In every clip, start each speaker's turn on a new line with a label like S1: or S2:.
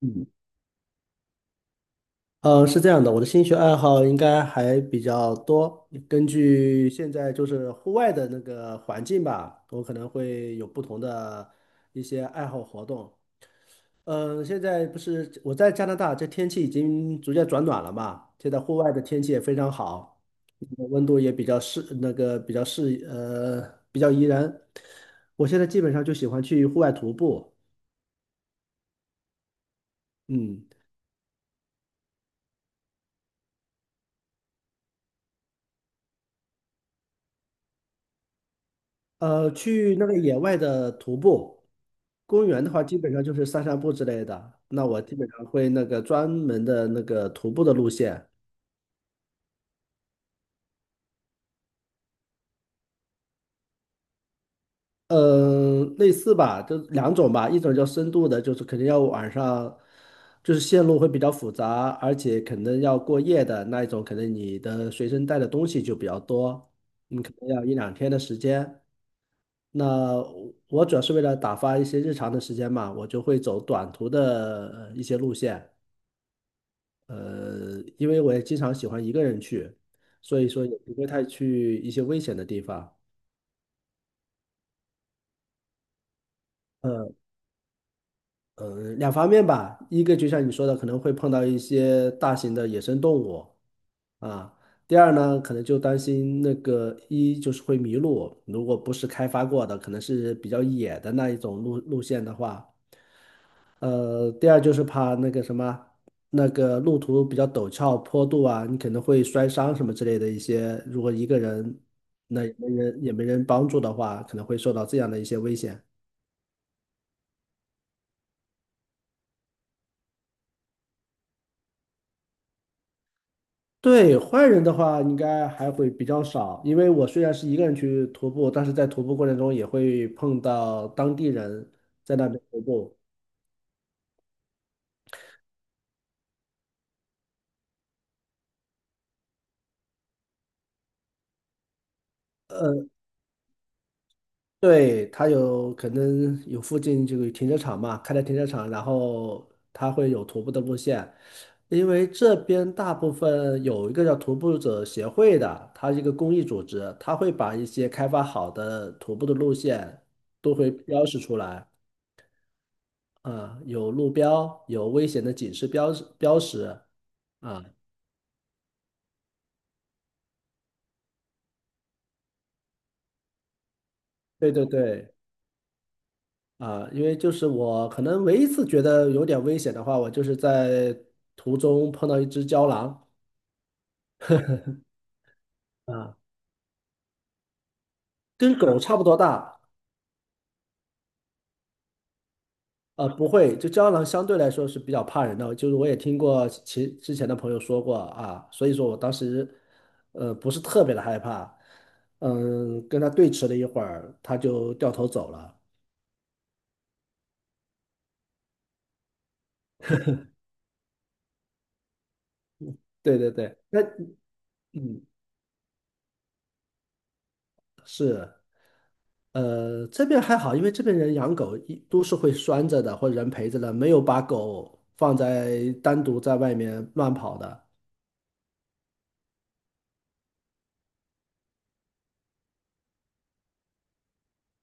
S1: 嗯，是这样的，我的兴趣爱好应该还比较多。根据现在就是户外的那个环境吧，我可能会有不同的一些爱好活动。现在不是我在加拿大，这天气已经逐渐转暖了嘛，现在户外的天气也非常好，温度也比较适，那个比较比较宜人。我现在基本上就喜欢去户外徒步，嗯，去那个野外的徒步。公园的话，基本上就是散散步之类的。那我基本上会那个专门的那个徒步的路线，嗯，类似吧，就两种吧，一种叫深度的，就是肯定要晚上，就是线路会比较复杂，而且可能要过夜的那一种，可能你的随身带的东西就比较多，你可能要一两天的时间。那我主要是为了打发一些日常的时间嘛，我就会走短途的一些路线。因为我也经常喜欢一个人去，所以说也不会太去一些危险的地方。呃，两方面吧，一个就像你说的，可能会碰到一些大型的野生动物啊。第二呢，可能就担心那个一就是会迷路，如果不是开发过的，可能是比较野的那一种路线的话，第二就是怕那个什么，那个路途比较陡峭、坡度啊，你可能会摔伤什么之类的一些。如果一个人，那也没人帮助的话，可能会受到这样的一些危险。对，坏人的话，应该还会比较少，因为我虽然是一个人去徒步，但是在徒步过程中也会碰到当地人在那边徒步。对，它有可能有附近这个停车场嘛，开的停车场，然后它会有徒步的路线，因为这边大部分有一个叫徒步者协会的，它是一个公益组织，它会把一些开发好的徒步的路线都会标示出来，啊，有路标，有危险的警示标志标识，啊，对对对。啊，因为就是我可能唯一一次觉得有点危险的话，我就是在途中碰到一只郊狼，啊，跟狗差不多大，不会，就胶囊相对来说是比较怕人的，就是我也听过之前的朋友说过啊，所以说我当时，不是特别的害怕，嗯，跟它对峙了一会儿，它就掉头走了。对对对，那嗯，是，这边还好，因为这边人养狗一都是会拴着的，或者人陪着的，没有把狗放在单独在外面乱跑的。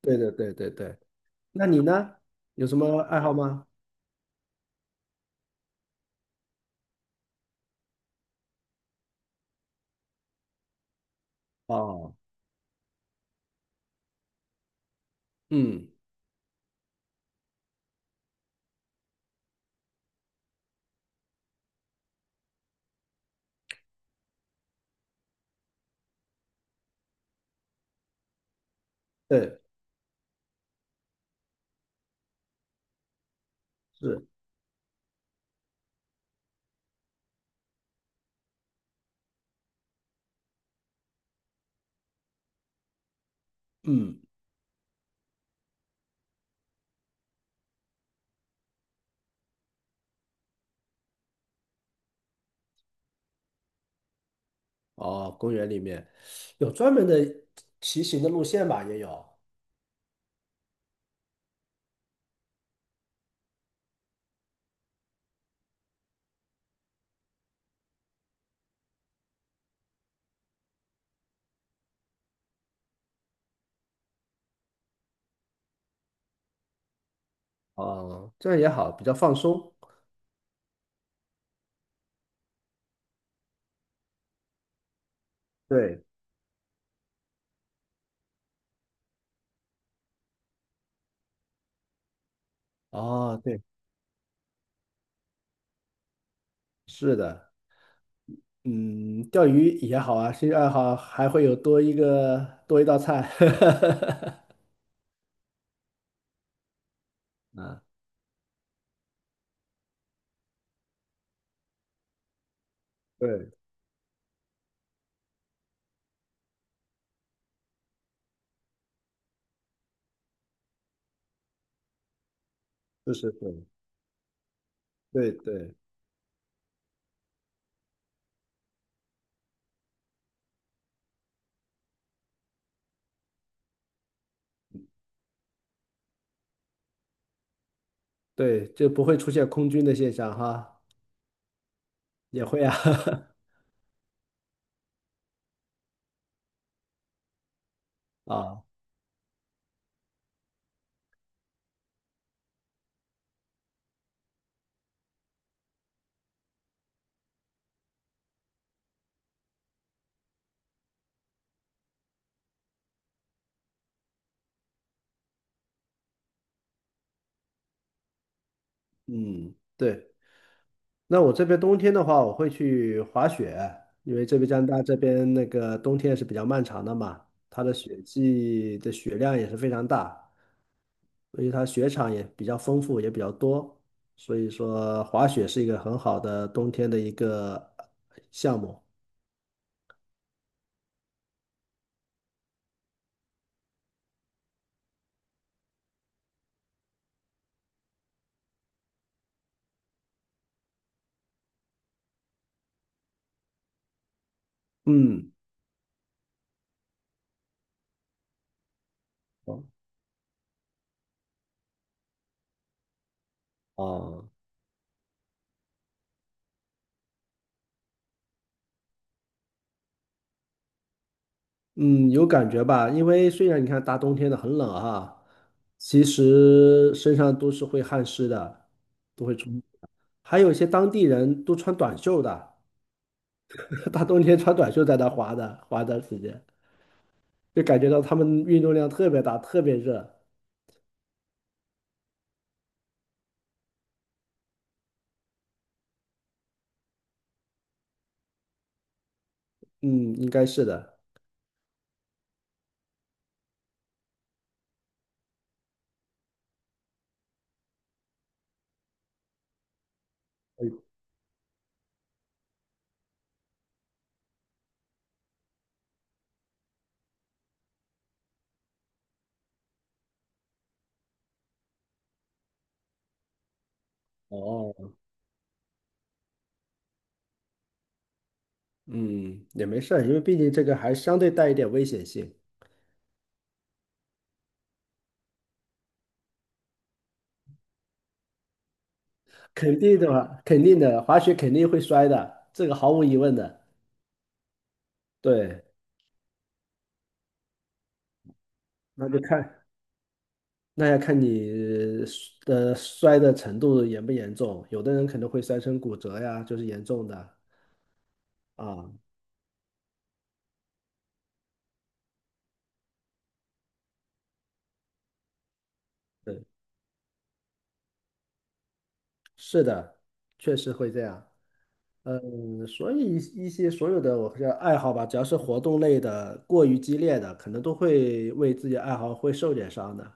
S1: 对对对对对，那你呢？有什么爱好吗？哦。嗯，对，是，嗯，哦，公园里面有专门的骑行的路线吧？也有，哦，这样也好，比较放松。对，哦，对，是的，嗯，钓鱼也好啊，兴趣爱好还会有多一个多一道菜，啊，对，是是是，对对，对，就不会出现空军的现象哈，也会啊，啊，嗯，对。那我这边冬天的话，我会去滑雪，因为这边加拿大这边那个冬天是比较漫长的嘛，它的雪季的雪量也是非常大，所以它雪场也比较丰富，也比较多，所以说滑雪是一个很好的冬天的一个项目。嗯，哦，哦，嗯，有感觉吧？因为虽然你看大冬天的很冷哈，其实身上都是会汗湿的，都会出。还有一些当地人都穿短袖的，大冬天穿短袖在那滑的，滑的时间就感觉到他们运动量特别大，特别热。嗯，应该是的。哦，嗯，也没事儿，因为毕竟这个还相对带一点危险性，肯定的嘛，肯定的，滑雪肯定会摔的，这个毫无疑问的。对，那就看，那要看你的摔的程度严不严重，有的人可能会摔成骨折呀，就是严重的啊。对，是的，确实会这样。嗯，所以一一些所有的我叫爱好吧，只要是活动类的，过于激烈的，可能都会为自己爱好会受点伤的。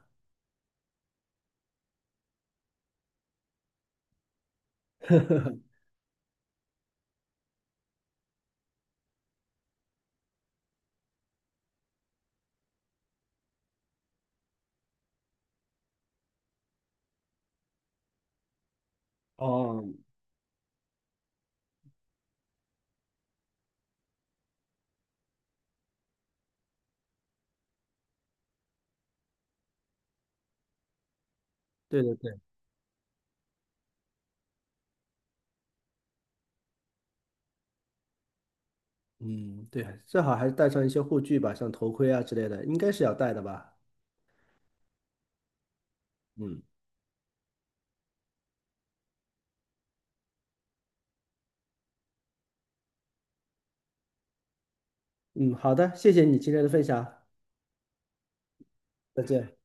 S1: 哦，对对对，嗯，对，最好还是带上一些护具吧，像头盔啊之类的，应该是要带的吧。嗯，嗯，好的，谢谢你今天的分享，再见。